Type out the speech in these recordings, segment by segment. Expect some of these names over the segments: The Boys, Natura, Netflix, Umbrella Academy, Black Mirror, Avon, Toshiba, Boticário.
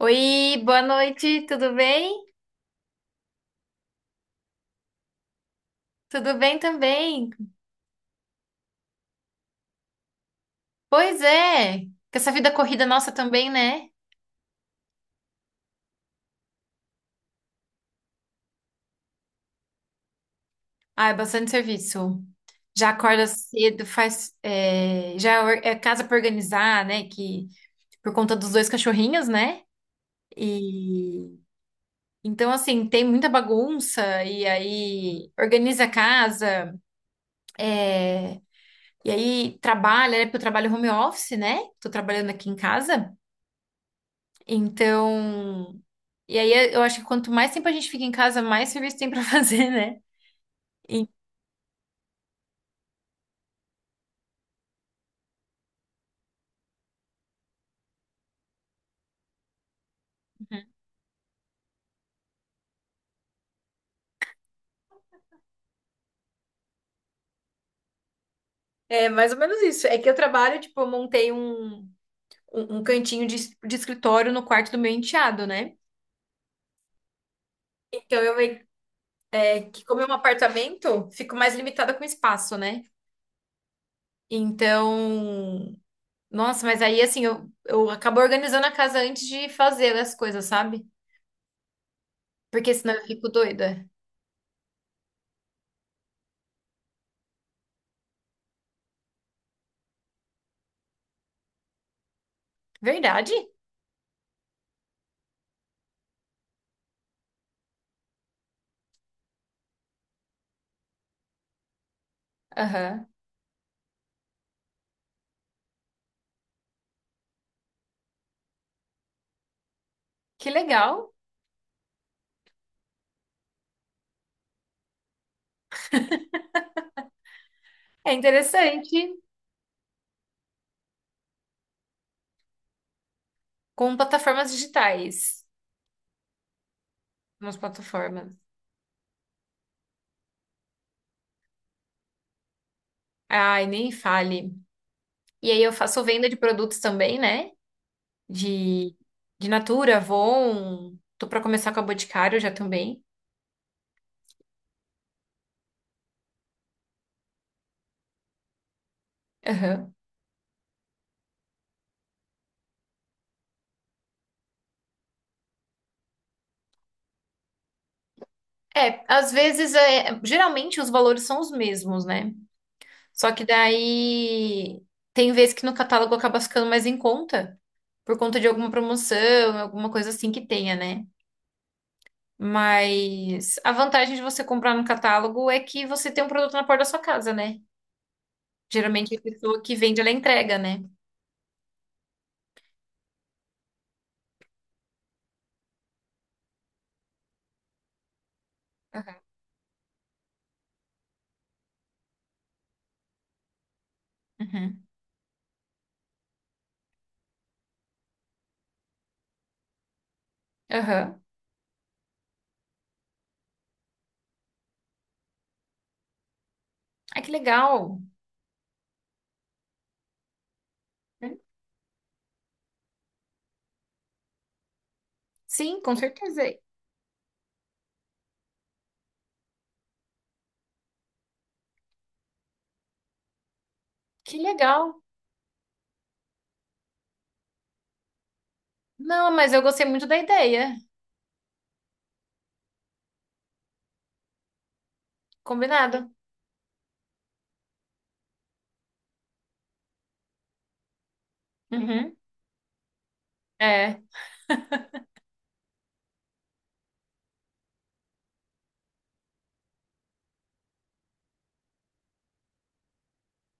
Oi, boa noite, tudo bem? Tudo bem também. Pois é, com essa vida corrida nossa também, né? Ah, é bastante serviço. Já acorda cedo, faz. Já é casa pra organizar, né? Que por conta dos dois cachorrinhos, né? E então, assim, tem muita bagunça, e aí organiza a casa, e aí trabalha, né? Porque eu trabalho home office, né? Tô trabalhando aqui em casa. Então, e aí eu acho que quanto mais tempo a gente fica em casa, mais serviço tem pra fazer, né? E- É mais ou menos isso. É que eu trabalho, tipo, eu montei um cantinho de escritório no quarto do meu enteado, né? Então eu meio- é que como é um apartamento, fico mais limitada com espaço, né? Então, nossa, mas aí assim, eu acabo organizando a casa antes de fazer as coisas, sabe? Porque senão eu fico doida. Verdade? Aham. Que legal. É interessante. Com plataformas digitais, umas plataformas. Ai, nem fale. E aí eu faço venda de produtos também, né? De, de Natura, Avon. Tô pra começar com a Boticário já também. Aham. É, às vezes, é, geralmente os valores são os mesmos, né? Só que daí tem vezes que no catálogo acaba ficando mais em conta, por conta de alguma promoção, alguma coisa assim que tenha, né? Mas a vantagem de você comprar no catálogo é que você tem um produto na porta da sua casa, né? Geralmente a pessoa que vende, ela entrega, né? Aham. Uhum. Aham. Ah, que legal. Hum? Sim, com certeza. Que legal. Não, mas eu gostei muito da ideia. Combinado. Uhum. É.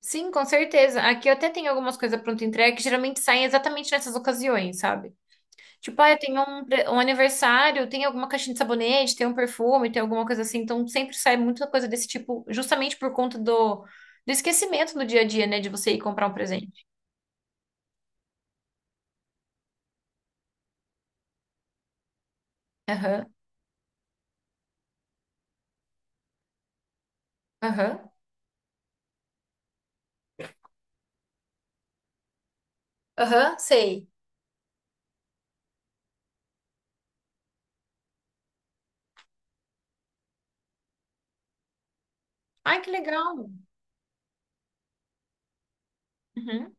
Sim, com certeza. Aqui eu até tenho algumas coisas pronto entrega que geralmente saem exatamente nessas ocasiões, sabe? Tipo, ah, eu tenho um, um aniversário, tem alguma caixinha de sabonete, tem um perfume, tem alguma coisa assim. Então sempre sai muita coisa desse tipo, justamente por conta do, do esquecimento do dia a dia, né? De você ir comprar um presente. Aham. Aham. Aham, sei. Ai, que legal. Uhum.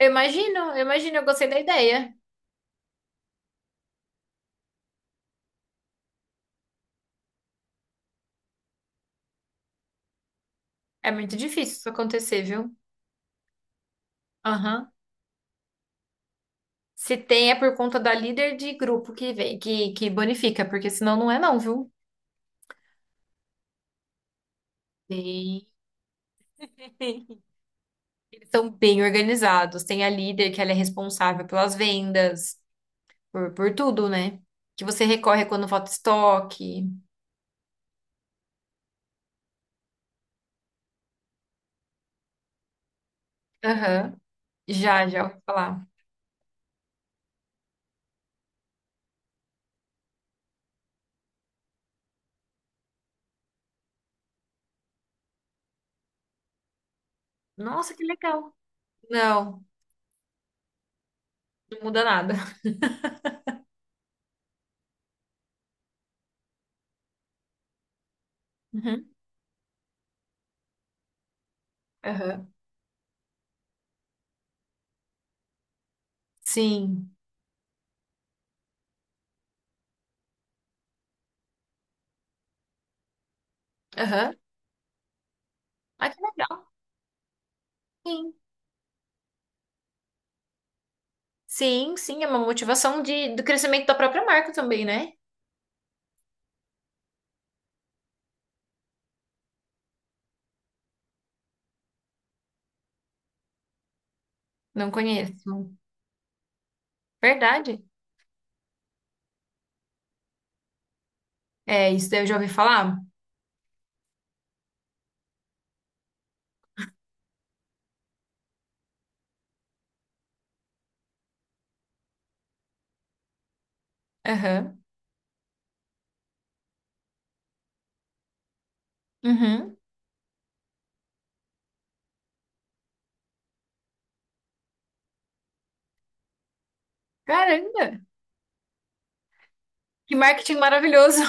Eu imagino, eu imagino, eu gostei da ideia. É muito difícil isso acontecer, viu? Aham. Se tem, é por conta da líder de grupo que vem, que bonifica, porque senão não é não, viu? Sim. Eles são bem organizados. Tem a líder, que ela é responsável pelas vendas, por tudo, né? Que você recorre quando falta estoque. Aham. Já, já ouvi falar. Nossa, que legal. Não, não muda nada. Uhum. Aham. Sim. Aham. Ah, que legal. Sim. Sim, sim, é uma motivação de, do crescimento da própria marca também, né? Não conheço. Verdade. É, isso daí eu já ouvi falar. Aham. Uhum. Caramba! Que marketing maravilhoso!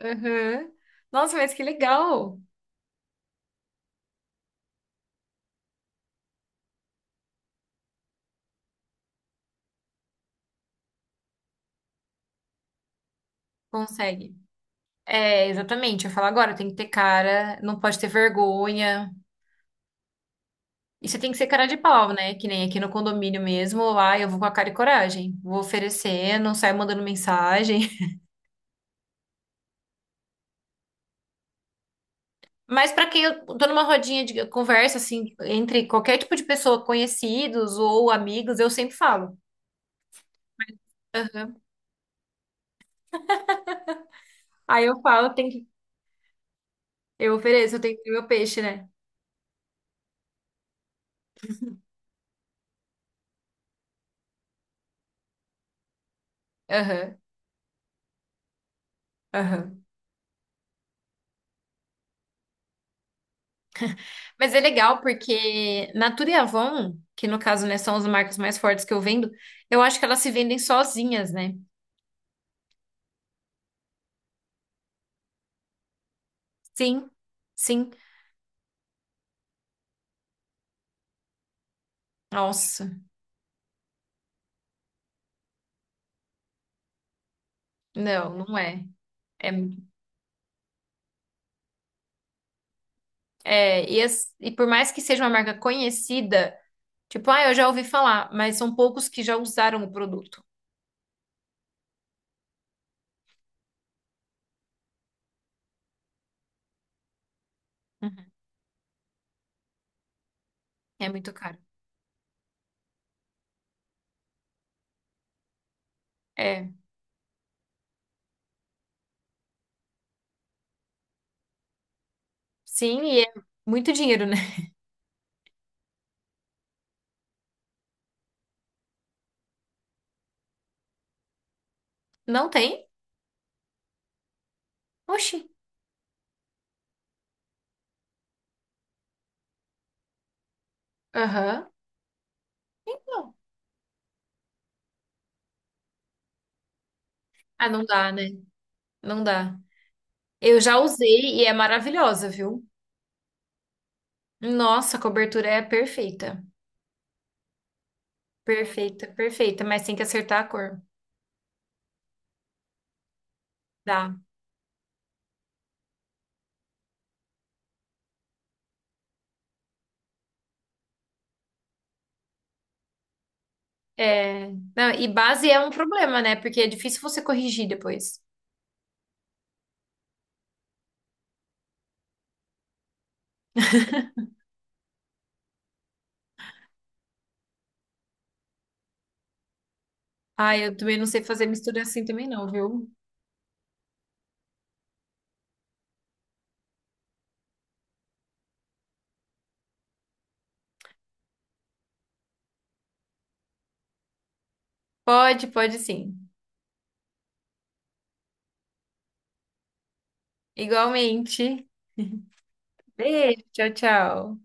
Aham. Nossa, mas que legal! Consegue. É, exatamente. Eu falo agora, tem que ter cara, não pode ter vergonha. E você tem que ser cara de pau, né? Que nem aqui no condomínio mesmo. Lá eu vou com a cara e coragem. Vou oferecendo, saio mandando mensagem. Mas para quem eu tô numa rodinha de conversa, assim, entre qualquer tipo de pessoa, conhecidos ou amigos, eu sempre falo. Aham. Aí eu falo, tem que, eu ofereço, eu tenho que ter meu peixe, né? Aham, aham. Mas é legal porque Natura e Avon, que no caso, né, são as marcas mais fortes que eu vendo, eu acho que elas se vendem sozinhas, né? Sim, sim. Nossa, não, não é. É, é, e, e por mais que seja uma marca conhecida, tipo, ah, eu já ouvi falar, mas são poucos que já usaram o produto. Uhum. É muito caro. É. Sim, e é muito dinheiro, né? Não tem? Oxi. Aham. Então. Ah, não dá, né? Não dá. Eu já usei e é maravilhosa, viu? Nossa, a cobertura é perfeita. Perfeita, perfeita, mas tem que acertar a cor. Dá. É. Não, e base é um problema, né? Porque é difícil você corrigir depois. Ah, eu também não sei fazer mistura assim também não, viu? Pode, pode sim. Igualmente. Beijo, tchau, tchau.